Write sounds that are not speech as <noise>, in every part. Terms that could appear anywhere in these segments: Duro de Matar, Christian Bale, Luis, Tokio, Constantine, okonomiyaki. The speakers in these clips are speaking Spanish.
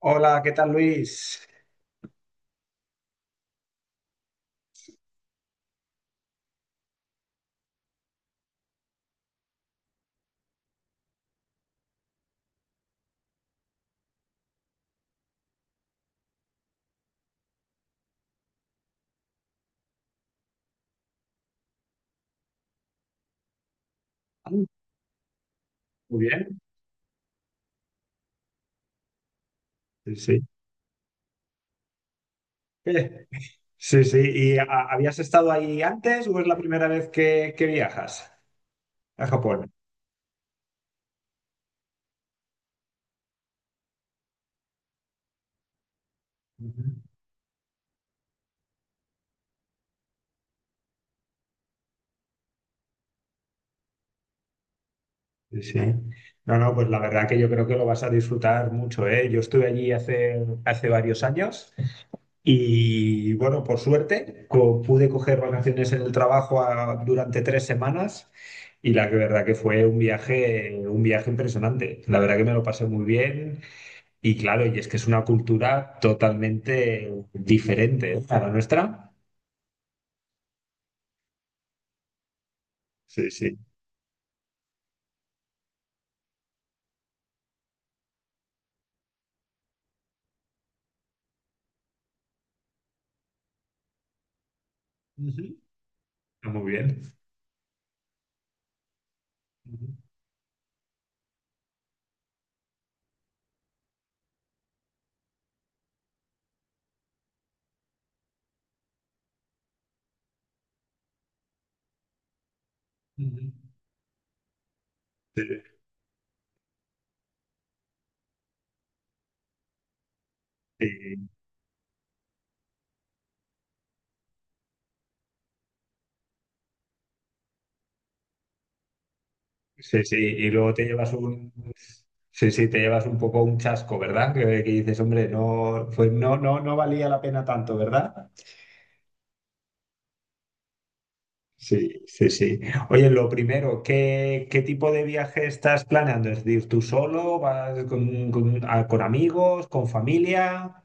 Hola, ¿qué tal Luis? Ah, muy bien, sí, sí. Eh, Sí, sí. ¿Y habías estado ahí antes o es la primera vez que viajas a Japón? Ujú. Sí, sí. No, no, pues la verdad que yo creo que lo vas a disfrutar mucho, ¿eh? Yo estuve allí hace varios años y bueno, por suerte pude coger vacaciones en el trabajo durante tres semanas y la que verdad que fue un viaje impresionante. La verdad que me lo pasé muy bien. Y claro, y es que es una cultura totalmente diferente, ¿eh?, a la nuestra. Sí, sí. Ujú. Está muy bien. Ujú, ujú. Sí, y- sí, sí, y luego te llevas un... Sí, sí, te llevas un poco un chasco, ¿verdad? Que dices, hombre, no, pues no, no, no valía la pena tanto, ¿verdad? Sí, sí, sí. Oye, lo primero, ¿qué, qué tipo de viaje estás planeando? ¿Es decir, tú solo? ¿Vas con amigos? ¿Con familia?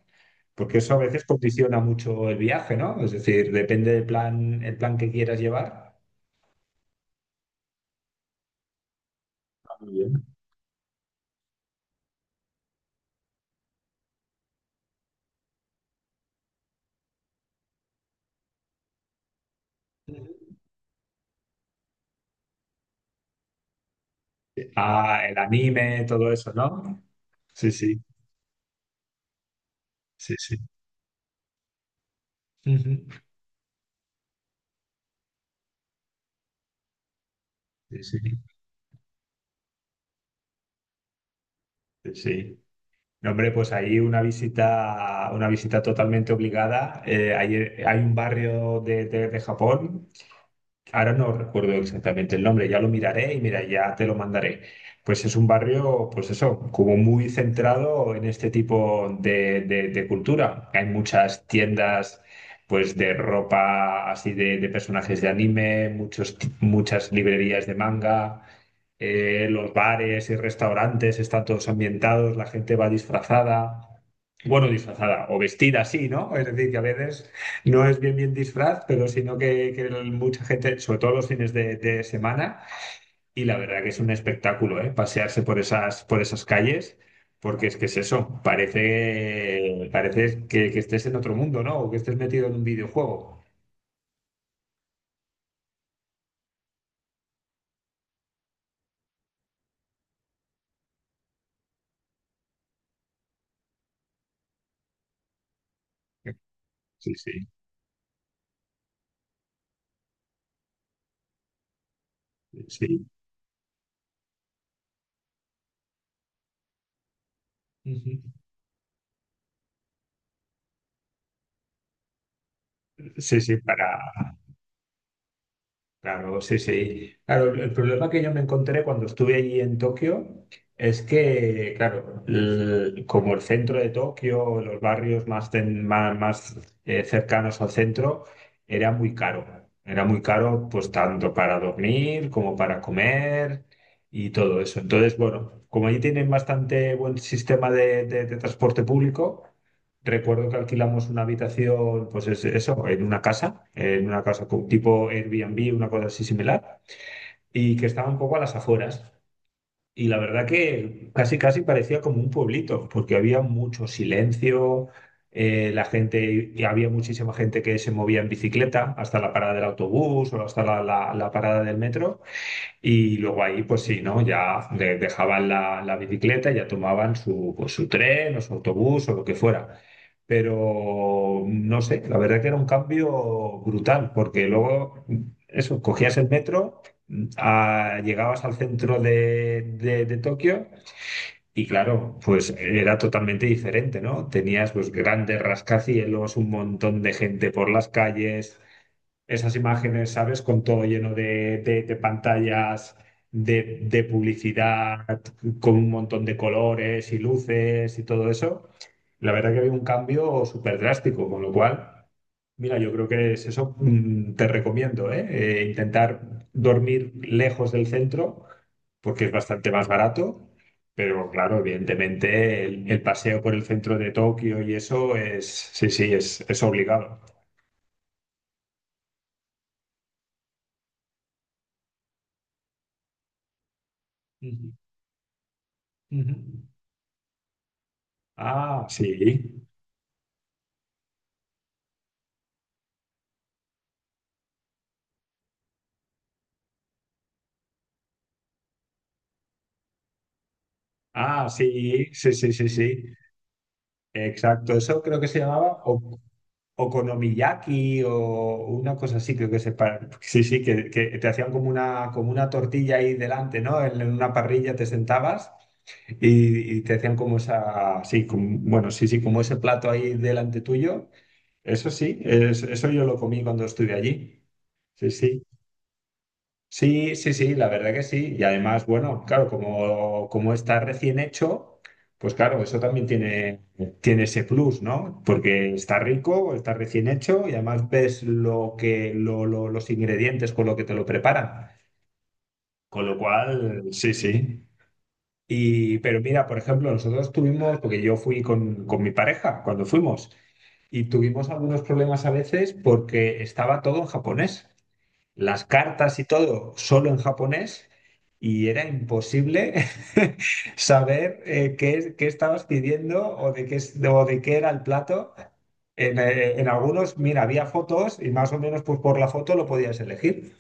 Porque eso a veces condiciona mucho el viaje, ¿no? Es decir, depende del plan, el plan que quieras llevar. Ah, muy bien. Ah, el anime, todo eso, ¿no? Sí, sí, sí, sí. Ujú. Sí, sí, sí. Sí. No, hombre, pues ahí una visita totalmente obligada. Hay un barrio de, de Japón. Ahora no recuerdo exactamente el nombre, ya lo miraré y mira, ya te lo mandaré. Pues es un barrio, pues eso, como muy centrado en este tipo de, de cultura. Hay muchas tiendas, pues de ropa así de personajes de anime, muchos, muchas librerías de manga. Eh, los bares y restaurantes están todos ambientados, la gente va disfrazada, bueno, disfrazada o vestida así, ¿no? Es decir, que a veces no es bien bien disfraz, pero sino que mucha gente, sobre todo los fines de semana, y la verdad que es un espectáculo, ¿eh? Pasearse por esas calles. Porque es que es eso, parece, parece que estés en otro mundo, ¿no? O que estés metido en un videojuego. Sí, sí, sí. Ujú. Sí, sí, para. Claro, sí, sí. Claro, el problema que yo me encontré cuando estuve allí en Tokio es que, claro, como el centro de Tokio, los barrios más, más, cercanos al centro, era muy caro. Era muy caro, pues tanto para dormir como para comer y todo eso. Entonces, bueno, como allí tienen bastante buen sistema de de transporte público, recuerdo que alquilamos una habitación, pues eso, en una casa con tipo Airbnb, una cosa así similar, y que estaba un poco a las afueras. Y la verdad que casi, casi parecía como un pueblito, porque había mucho silencio, la gente, y había muchísima gente que se movía en bicicleta hasta la parada del autobús o hasta la parada del metro. Y luego ahí, pues sí, ¿no? Ya dejaban la, la bicicleta, y ya tomaban su, pues, su tren o su autobús o lo que fuera. Pero no sé, la verdad que era un cambio brutal, porque luego, eso, cogías el metro, llegabas al centro de, de Tokio y claro, pues era totalmente diferente, ¿no? Tenías pues grandes rascacielos, un montón de gente por las calles, esas imágenes, ¿sabes? Con todo lleno de, de pantallas, de publicidad, con un montón de colores y luces y todo eso. La verdad que había un cambio súper drástico, con lo cual, mira, yo creo que es eso, te recomiendo, ¿eh? Intentar dormir lejos del centro, porque es bastante más barato. Pero claro, evidentemente el paseo por el centro de Tokio y eso es, sí, sí, es obligado. Ujú, ujú. Ah, sí. Ah, sí, sí, sí, sí, sí. Exacto. Eso creo que se llamaba okonomiyaki o una cosa así, creo que se Sí, sí, que te hacían como una tortilla ahí delante, ¿no? En una parrilla te sentabas y te hacían como esa, sí, como- bueno, sí, sí, como ese plato ahí delante tuyo. Eso sí, eso yo lo comí cuando estuve allí. Sí, sí. Sí, sí, sí, la verdad que sí. Y además, bueno, claro, como, como está recién hecho, pues claro, eso también tiene, tiene ese plus, ¿no? Porque está rico, está recién hecho y además ves lo que, los ingredientes con lo que te lo preparan. Con lo cual, sí, sí. Y, pero mira, por ejemplo, nosotros tuvimos, porque yo fui con mi pareja cuando fuimos, y tuvimos algunos problemas a veces porque estaba todo en japonés, las cartas y todo solo en japonés y era imposible <laughs> saber, qué, qué estabas pidiendo o de qué, o de qué era el plato. En algunos, mira, había fotos y más o menos pues, por la foto lo podías elegir,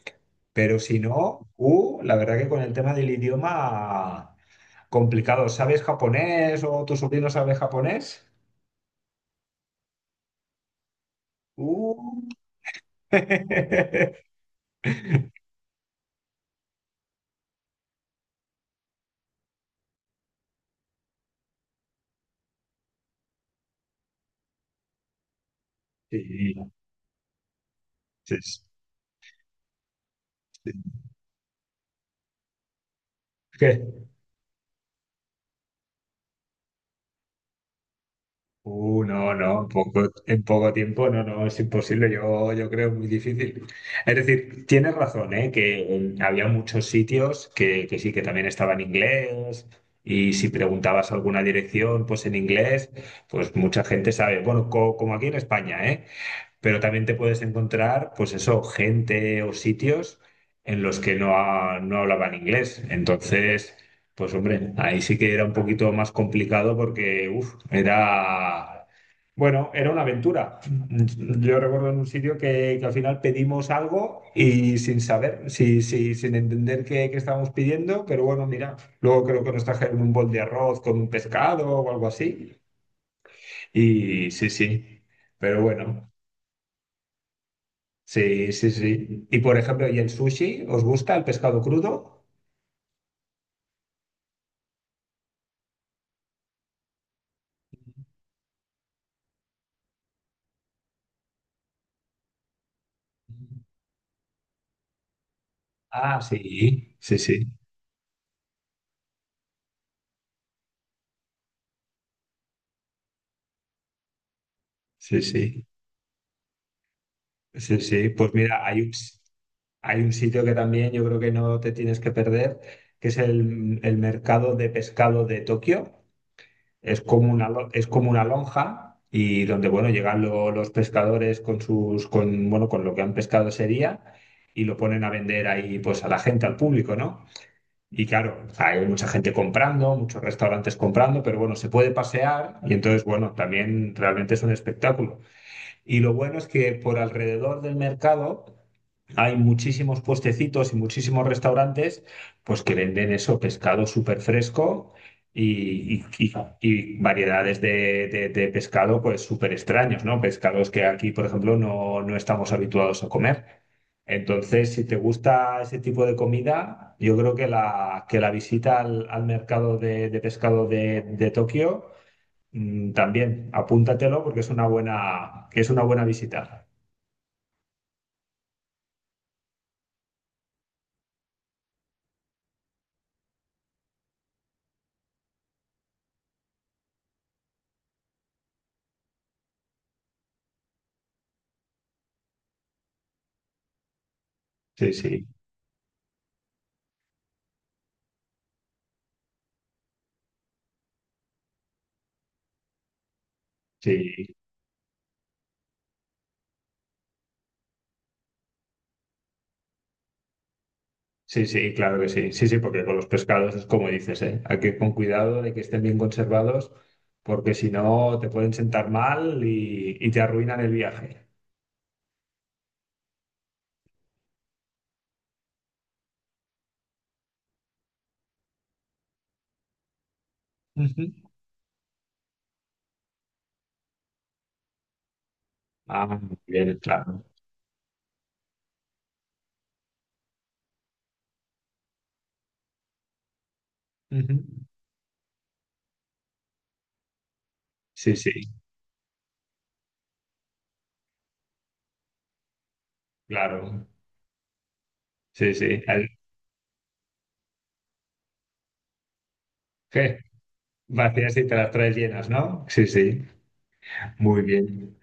pero si no, la verdad que con el tema del idioma complicado. ¿Sabes japonés o tu sobrino sabe japonés? Uh. <laughs> Sí, sí, sí. ¿Qué? No, no, en poco tiempo, no, no, es imposible, yo creo muy difícil. Es decir, tienes razón, ¿eh? Que había muchos sitios que sí, que también estaba en inglés, y si preguntabas alguna dirección, pues en inglés, pues mucha gente sabe, bueno, como aquí en España, ¿eh? Pero también te puedes encontrar, pues eso, gente o sitios en los que no, no hablaban inglés. Entonces, pues hombre, ahí sí que era un poquito más complicado porque, uff, era, bueno, era una aventura. Yo recuerdo en un sitio que al final pedimos algo y sin saber, sí, sí, sin entender qué, qué estábamos pidiendo, pero bueno, mira, luego creo que nos trajeron un bol de arroz con un pescado o algo así. Y sí, sí, pero bueno. Sí, sí, sí. Y por ejemplo, ¿y el sushi? ¿Os gusta el pescado crudo? Ah, sí, sí, sí, sí, sí, sí, sí. Pues mira, hay un sitio que también yo creo que no te tienes que perder, que es el mercado de pescado de Tokio. Es como una, es como una lonja y donde, bueno, llegan los pescadores con sus, con, bueno, con lo que han pescado ese día y lo ponen a vender ahí, pues, a la gente, al público, ¿no? Y claro, o sea, hay mucha gente comprando, muchos restaurantes comprando, pero bueno, se puede pasear y entonces, bueno, también realmente es un espectáculo. Y lo bueno es que por alrededor del mercado hay muchísimos puestecitos y muchísimos restaurantes pues que venden eso, pescado súper fresco y, y- y- y variedades de, de pescado pues súper extraños, ¿no? Pescados que aquí, por ejemplo, no, no estamos habituados a comer. Entonces, si te gusta ese tipo de comida, yo creo que la visita al, al mercado de pescado de Tokio, mm, también apúntatelo porque es una buena, que es una buena visita. Sí, sí, sí, sí, sí, claro que sí. Sí, sí, porque con los pescados es como dices, ¿eh? Hay que ir con cuidado de que estén bien conservados porque si no te pueden sentar mal y te arruinan el viaje. Ujú. Ah, muy bien, claro. Ujú. Sí, sí, claro. Sí, sí. Je, vacías y te las traes llenas, ¿no? Sí, sí, muy bien.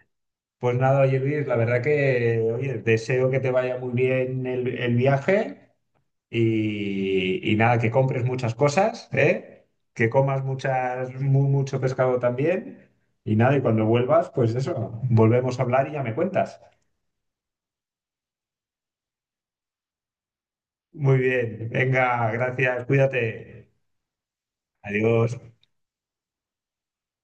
Pues nada, oye Luis, la verdad que, oye, deseo que te vaya muy bien el viaje y nada, que compres muchas cosas, ¿eh? Que comas muchas, mucho pescado también y nada, y cuando vuelvas, pues eso, volvemos a hablar y ya me cuentas. Muy bien, venga, gracias, cuídate. Adiós.